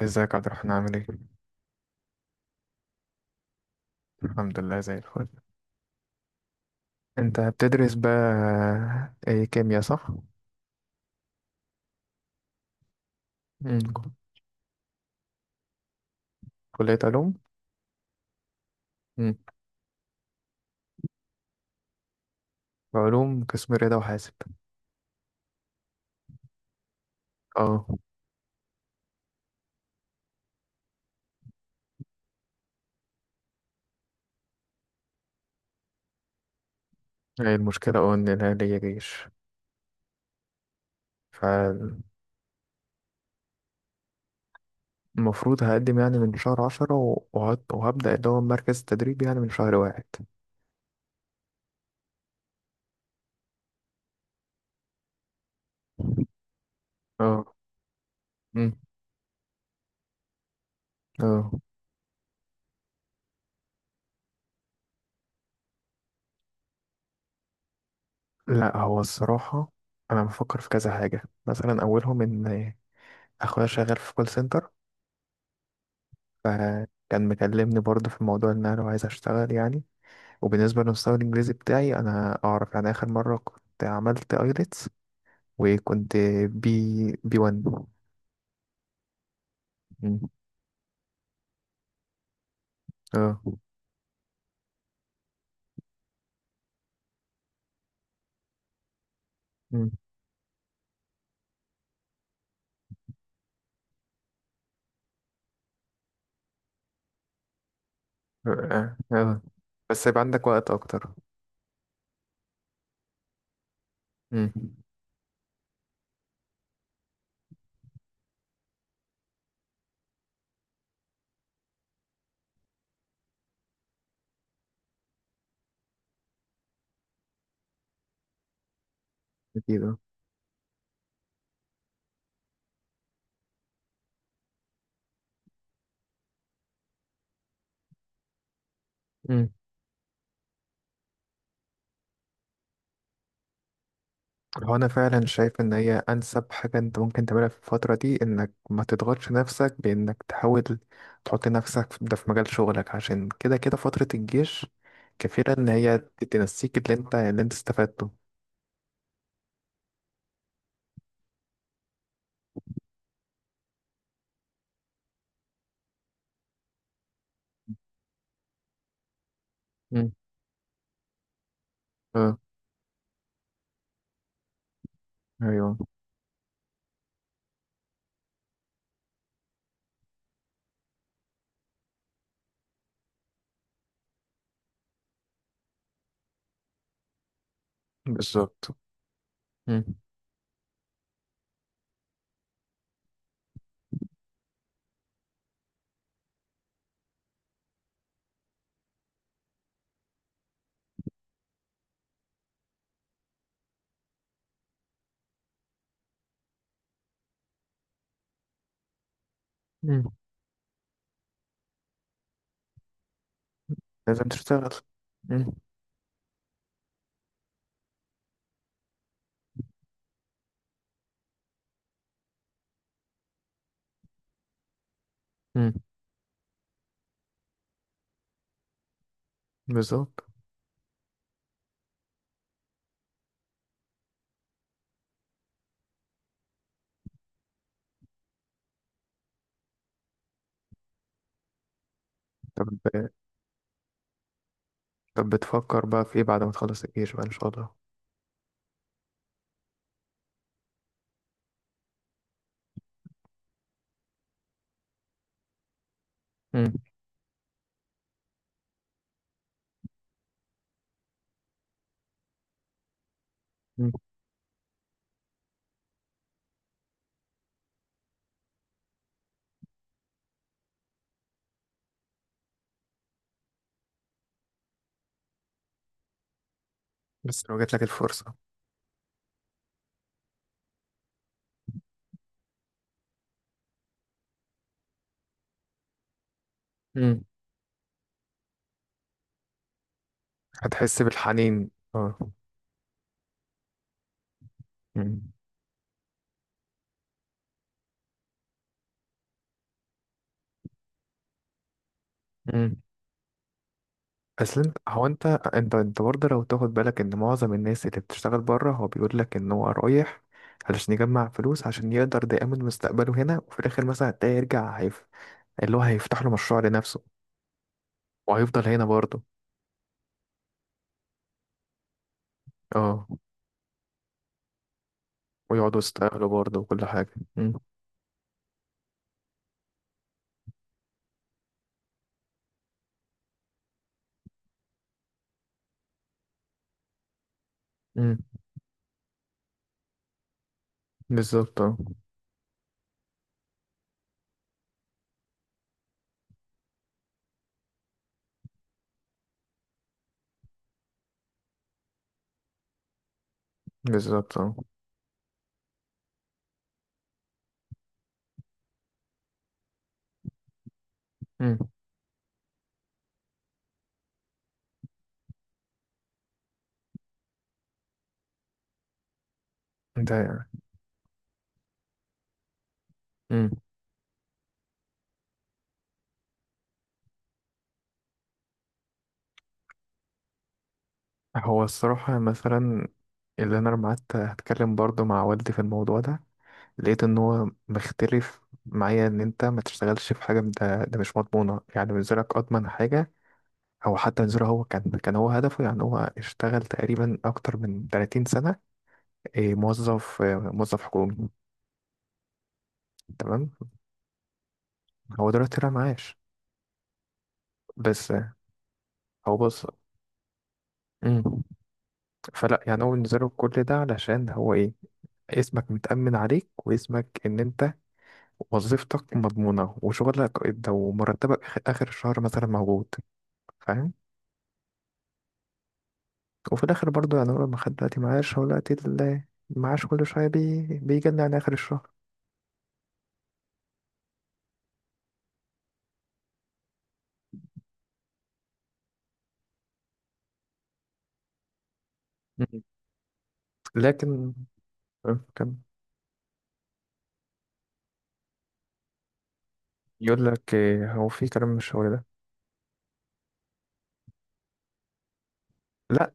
ازيك يا عبد الرحمن عامل ايه؟ الحمد لله زي الفل. انت بتدرس بقى، ايه كيمياء صح؟ مم. كلية علوم؟ مم. علوم قسم رياضة وحاسب. اه، هي المشكلة ان انا ليا جيش. فالمفروض هقدم يعني من شهر عشرة وهبدأ اللي هو مركز التدريب يعني من شهر واحد. اه. مم. اه. لا هو الصراحة، انا بفكر في كذا حاجة، مثلا اولهم ان اخويا شغال في كول سنتر. فكان مكلمني برضه في موضوع ان انا لو عايز اشتغل يعني. وبالنسبه لمستوى الانجليزي بتاعي انا اعرف يعني، اخر مره كنت عملت ايلتس وكنت بي بي 1. مم. اه. مم. اه. آه. بس يبقى عندك وقت اكتر. مم. اكيد. اه. هو انا فعلا شايف ان هي انسب حاجه انت ممكن تعملها في الفتره دي، انك ما تضغطش نفسك بانك تحاول تحط نفسك ده في مجال شغلك، عشان كده كده فتره الجيش كفيله ان هي تنسيك اللي انت استفدته. مم. اه. ايوه. بالظبط. مم. مم. لازم تشتغل. مم. مم. بالظبط. طب طب بتفكر بقى في ايه بعد ما تخلص الجيش بقى ان شاء الله؟ مم. مم. بس لو جات لك الفرصه. مم. هتحس بالحنين اه. مم. مم. اصل انت هو انت انت انت برضه، لو تاخد بالك ان معظم الناس اللي بتشتغل بره هو بيقول لك ان هو رايح علشان يجمع فلوس، عشان يقدر ده يأمن مستقبله هنا، وفي الاخر مثلا هتلاقيه يرجع اللي هو هيفتح له مشروع لنفسه، وهيفضل هنا برضه. اه. ويقعدوا يستقبلوا برضه وكل حاجة. امم بالظبط. اه. بالظبط. اه. امم ده يعني. امم هو الصراحة مثلا، اللي انا لما قعدت اتكلم برضه مع والدي في الموضوع ده، لقيت ان هو مختلف معايا، ان انت ما تشتغلش في حاجه، ده مش مضمونه. يعني بالنسبه لك اضمن حاجه، او حتى بالنسبه له، هو كان هو هدفه. يعني هو اشتغل تقريبا اكتر من 30 سنه، إيه، موظف، موظف حكومي. تمام. هو دلوقتي طلع معاش. بس آه، هو بص. مم. فلا، يعني هو بالنسبه له كل ده علشان هو ايه، اسمك متأمن عليك، واسمك ان انت وظيفتك مضمونه وشغلك ده، ومرتبك اخر الشهر مثلا موجود، فاهم. وفي الاخر برضو، يعني هو ما خد دلوقتي معاش، هو دلوقتي المعاش كل شويه بيجي يعني اخر الشهر. مم. لكن كان يقول لك إيه، هو في كلام من الشغل ده؟ لا.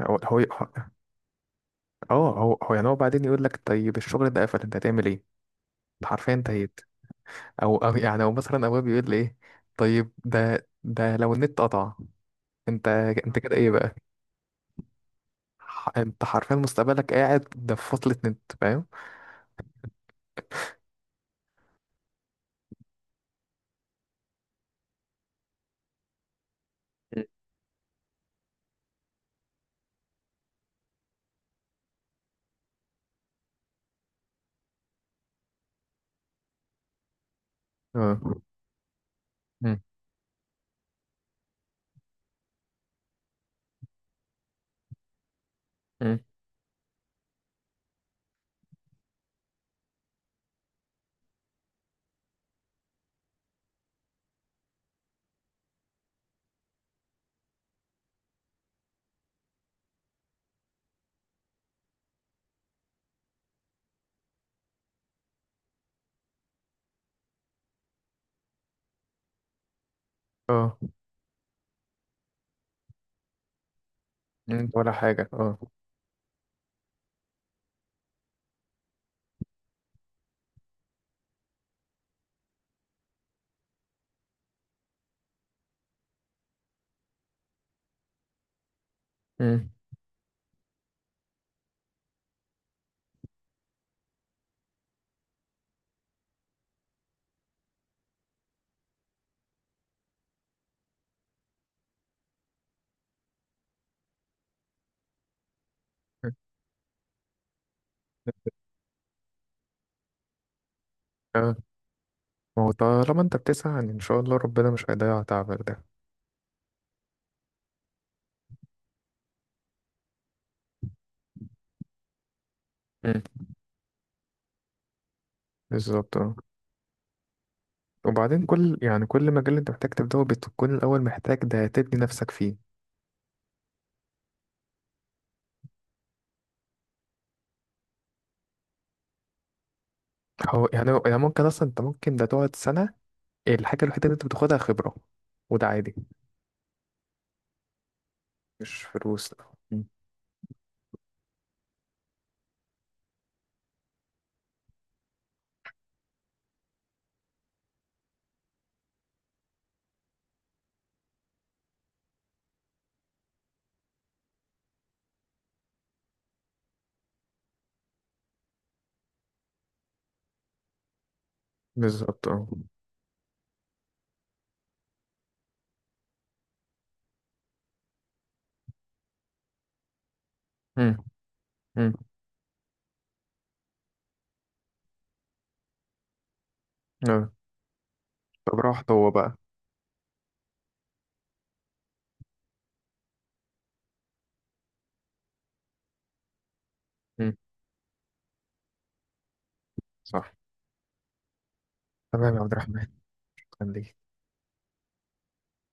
هو هو اه هو هو يعني هو بعدين يقول لك، طيب الشغل ده قفل، انت هتعمل ايه؟ انت حرفيا انتهيت. او او مثلا، ابويا بيقول لي ايه، طيب ده لو النت قطع انت انت كده ايه بقى، انت حرفيا مستقبلك قاعد ده في فصلة نت، فاهم. اه. مم. مم. اه. مم. ولا حاجة اه. آه، ما هو طالما انت بتسعى، يعني ان شاء الله ربنا مش هيضيع تعبك ده. مم. بالظبط اه. وبعدين يعني كل مجال انت محتاج تبدأه، بتكون الأول محتاج ده تبني نفسك فيه. ممكن أصلا، انت ممكن ده تقعد سنة، الحاجة الوحيدة اللي انت بتاخدها خبرة، وده عادي. مش فلوس، لا. مم. بالظبط اه. مم. مم. آه. طب راحت هو بقى. مم. صح. تمام يا عبد الرحمن، خليك.